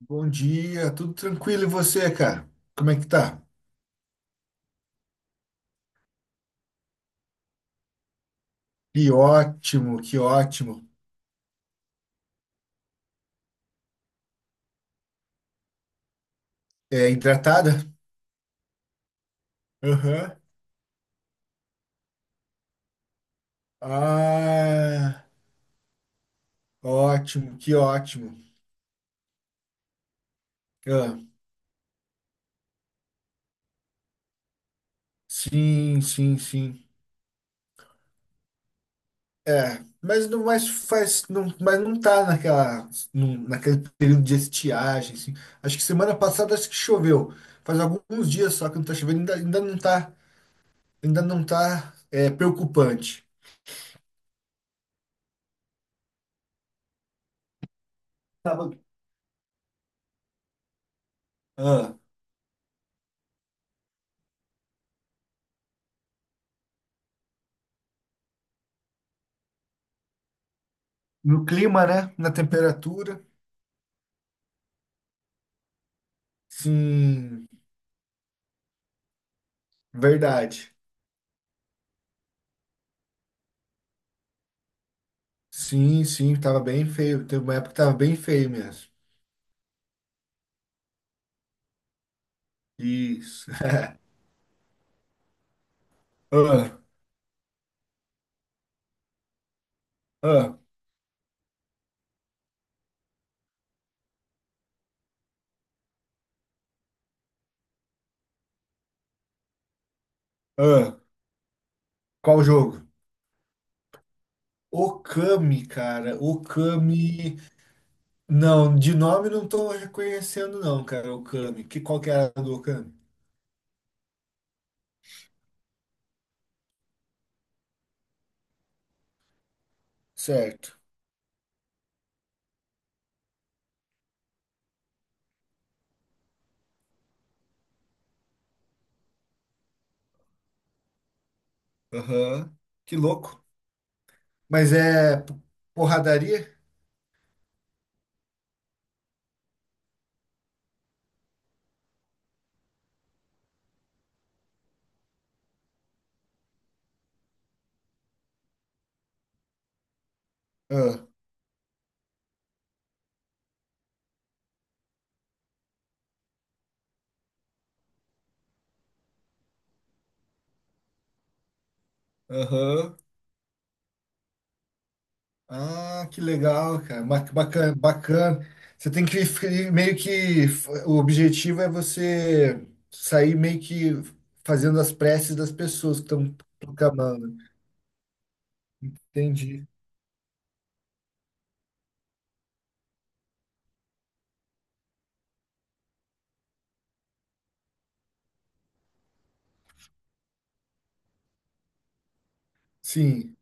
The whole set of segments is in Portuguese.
Bom dia, tudo tranquilo e você, cara? Como é que tá? Que ótimo, que ótimo. É hidratada? Aham. Ah, ótimo, que ótimo. Ah, sim, sim, sim. É, mas não mais faz, não, mas não tá naquela, naquele período de estiagem, assim. Acho que semana passada acho que choveu. Faz alguns dias só que não tá chovendo, ainda não tá, é, preocupante. Tava, No clima, né? Na temperatura. Sim, verdade. Sim, sim, tava bem feio. Teve uma época que tava bem feio mesmo. Isso. Ah, ah, ah. Qual jogo? Okami, cara. Okami. Não, de nome não tô reconhecendo, não, cara. Okami. Qual que era a do Okami? Certo. Aham. Que louco. Mas é porradaria? Ah, aham. Ah, que legal, cara. Bacana, bacana. Você tem que fi- meio que o objetivo é você sair meio que fazendo as preces das pessoas que estão proclamando. Entendi. Sim,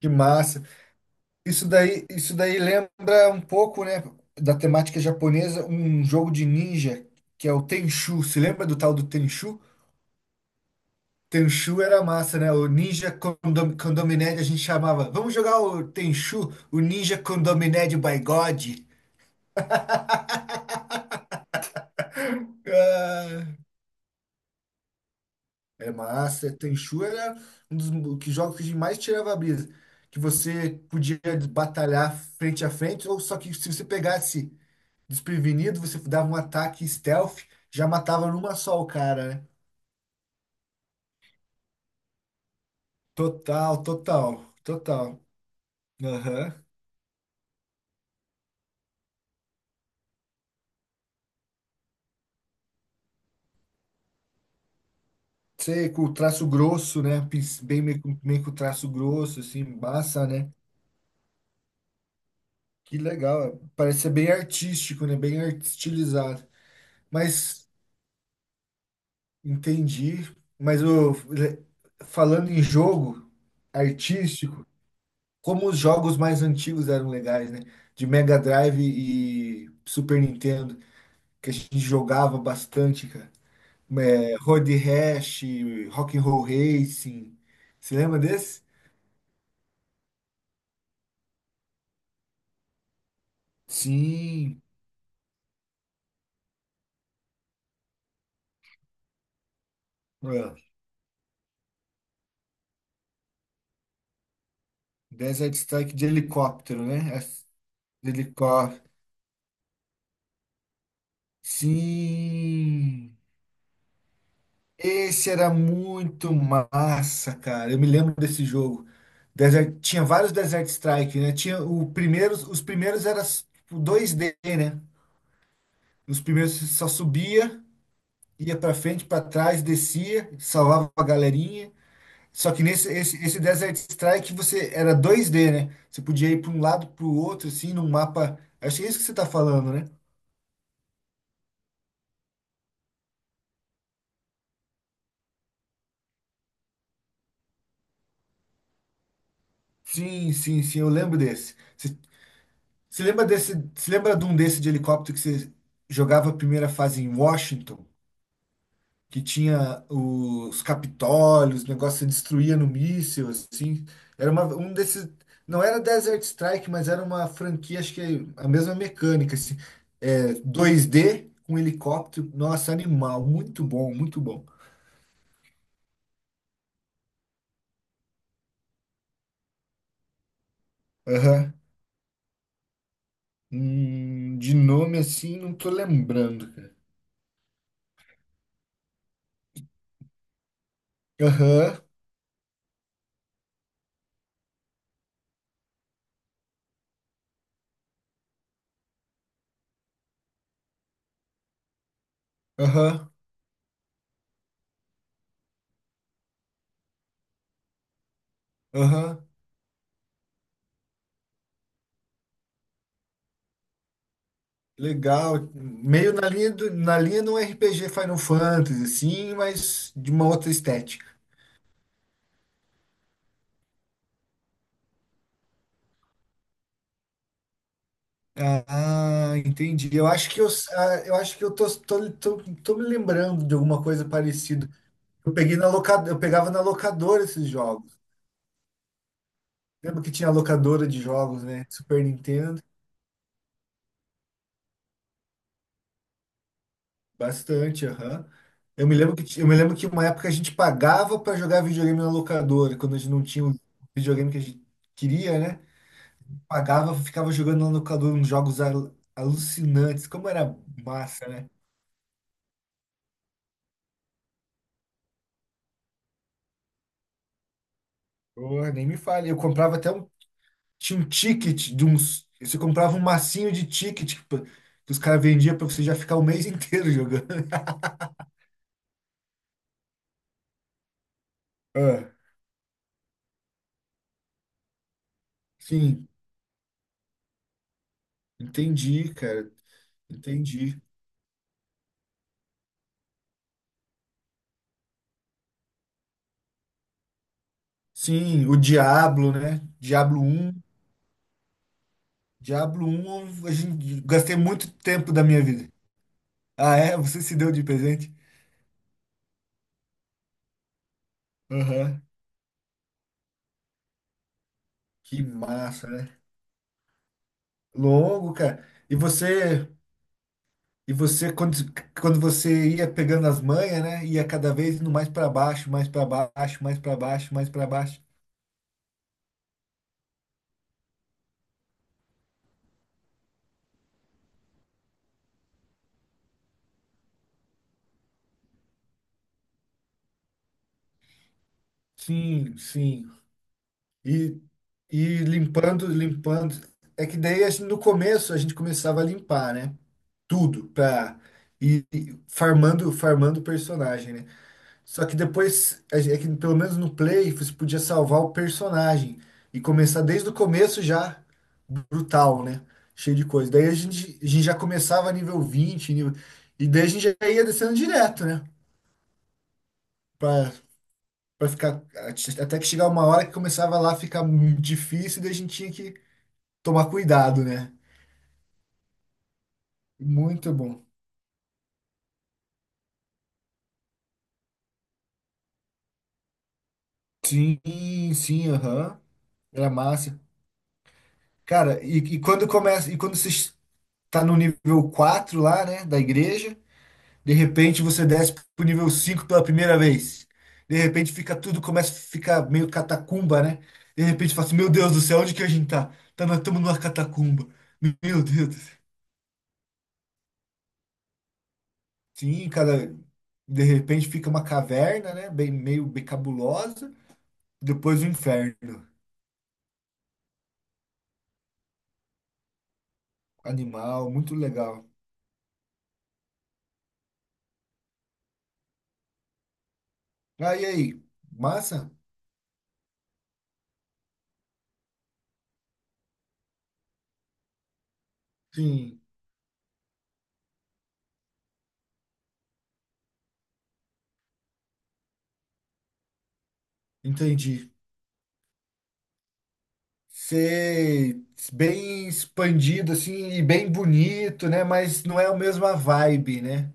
que massa. Isso daí lembra um pouco, né, da temática japonesa, um jogo de ninja que é o Tenchu. Se lembra do tal do Tenchu? Tenchu era massa, né? O Ninja Condominé a gente chamava. Vamos jogar o Tenchu, o Ninja Condominé de By God. Ah, é massa. Tenchu era um dos mo- que jogos que a gente mais tirava a brisa. Que você podia batalhar frente a frente, ou só que se você pegasse desprevenido, você dava um ataque stealth, já matava numa só o cara, né? Total, total, total. Aham. Sei, com traço grosso, né? Bem meio, com traço grosso, assim, massa, né? Que legal. É. Parece ser bem artístico, né? Bem estilizado. Mas entendi. Falando em jogo artístico, como os jogos mais antigos eram legais, né? De Mega Drive e Super Nintendo, que a gente jogava bastante, cara. É, Road Rash, Rock and Roll Racing. Você lembra desse? Sim. Desert Strike de helicóptero, né? De helicóptero. Sim! Esse era muito massa, cara. Eu me lembro desse jogo. Tinha vários Desert Strike, né? Tinha os primeiros eram tipo, 2D, né? Os primeiros você só subia, ia pra frente, pra trás, descia, salvava a galerinha. Só que esse Desert Strike você era 2D, né? Você podia ir pra um lado, pro outro, assim, num mapa. Acho que é isso que você tá falando, né? Sim, sim, sim, eu lembro desse. Você lembra desse, você lembra de um desse de helicóptero que você jogava a primeira fase em Washington, que tinha os Capitólios, o negócio se destruía no míssil, assim? Era um desses, não era Desert Strike, mas era uma franquia, acho que é a mesma mecânica, assim, 2D com helicóptero, nossa, animal, muito bom, muito bom. Aham. De nome assim, não tô lembrando, cara. Aham, aham, aham. Legal, meio na linha de um RPG Final Fantasy, sim, mas de uma outra estética. Ah, entendi. Eu acho que eu tô me lembrando de alguma coisa parecida. Eu pegava na locadora esses jogos. Lembro que tinha locadora de jogos, né? Super Nintendo, bastante, aham. Eu me lembro que uma época a gente pagava para jogar videogame na locadora, quando a gente não tinha o videogame que a gente queria, né? Pagava, ficava jogando lá no calor uns jogos alucinantes. Como era massa, né? Porra, nem me fale. Eu comprava até um. Tinha um ticket de uns. Você comprava um massinho de ticket que os caras vendiam pra você já ficar o mês inteiro jogando. Ah, sim, entendi, cara. Entendi. Sim, o Diablo, né? Diablo um, gastei muito tempo da minha vida. Ah, é? Você se deu de presente? Aham. Que massa, né? Longo, cara. E você E você, quando você ia pegando as manhas, né? Ia cada vez indo mais para baixo, mais para baixo, mais para baixo, mais para baixo. Sim, sim. E, e limpando, limpando. É que daí, assim, no começo, a gente começava a limpar, né? Tudo, para ir farmando, farmando o personagem, né? Só que depois, é que pelo menos no Play, você podia salvar o personagem e começar desde o começo já brutal, né? Cheio de coisa. Daí a gente já começava nível 20 nível. E daí a gente já ia descendo direto, né? Pra, pra ficar. Até que chegar uma hora que começava lá a ficar muito difícil, e daí a gente tinha que tomar cuidado, né? Muito bom. Sim, sim, aham. Era massa. Cara, e quando você está no nível 4 lá, né, da igreja, de repente você desce pro nível 5 pela primeira vez. De repente começa a ficar meio catacumba, né? De repente fala assim, meu Deus do céu, onde que a gente tá? Tamo numa catacumba. Meu Deus do céu. Sim, cada de repente fica uma caverna, né? Bem, meio bem cabulosa. Depois o inferno. Animal, muito legal. Ah, e aí? Massa? Sim, entendi. Ser bem expandido, assim, e bem bonito, né? Mas não é a mesma vibe, né?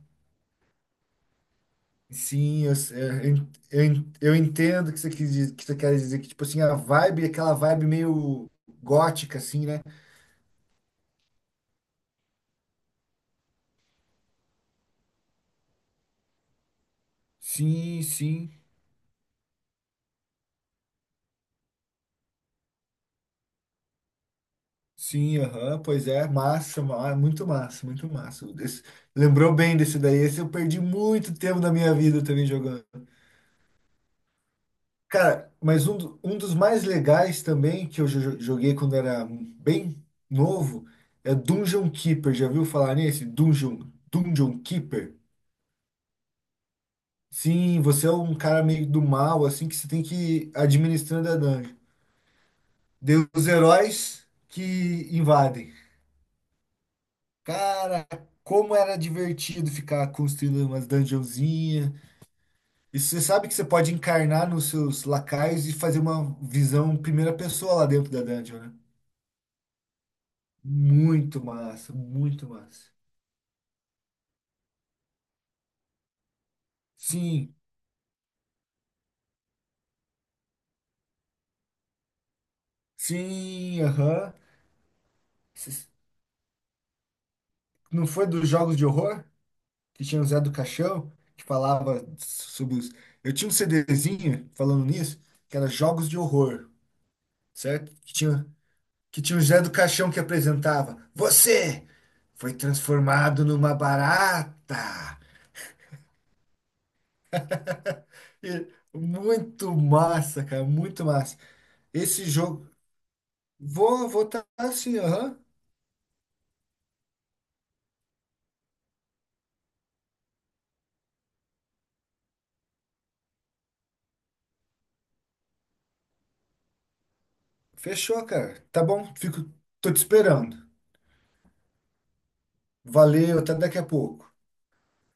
Sim, eu eu entendo que você que você quer dizer que, tipo assim, aquela vibe meio gótica, assim, né? Sim, sim, sim, aham, pois é, massa, muito massa, muito massa. Lembrou bem desse daí, esse eu perdi muito tempo da minha vida também jogando. Cara, mas um dos mais legais também, que eu joguei quando era bem novo, é Dungeon Keeper, já viu falar nesse? Dungeon Keeper? Sim, você é um cara meio do mal, assim, que você tem que ir administrando a dungeon. Deu os heróis que invadem. Cara, como era divertido ficar construindo umas dungeonzinhas. E você sabe que você pode encarnar nos seus lacaios e fazer uma visão primeira pessoa lá dentro da dungeon, né? Muito massa, muito massa. Sim, sim, aham. Cês- Não foi dos jogos de horror? Que tinha o Zé do Caixão, que falava sobre os. Eu tinha um CDzinho falando nisso, que era Jogos de Horror, certo? Que tinha o Zé do Caixão que apresentava. Você foi transformado numa barata. E Muito massa, cara, muito massa. Esse jogo. Vou votar assim, aham. Fechou, cara. Tá bom, fico. Tô te esperando. Valeu, até daqui a pouco.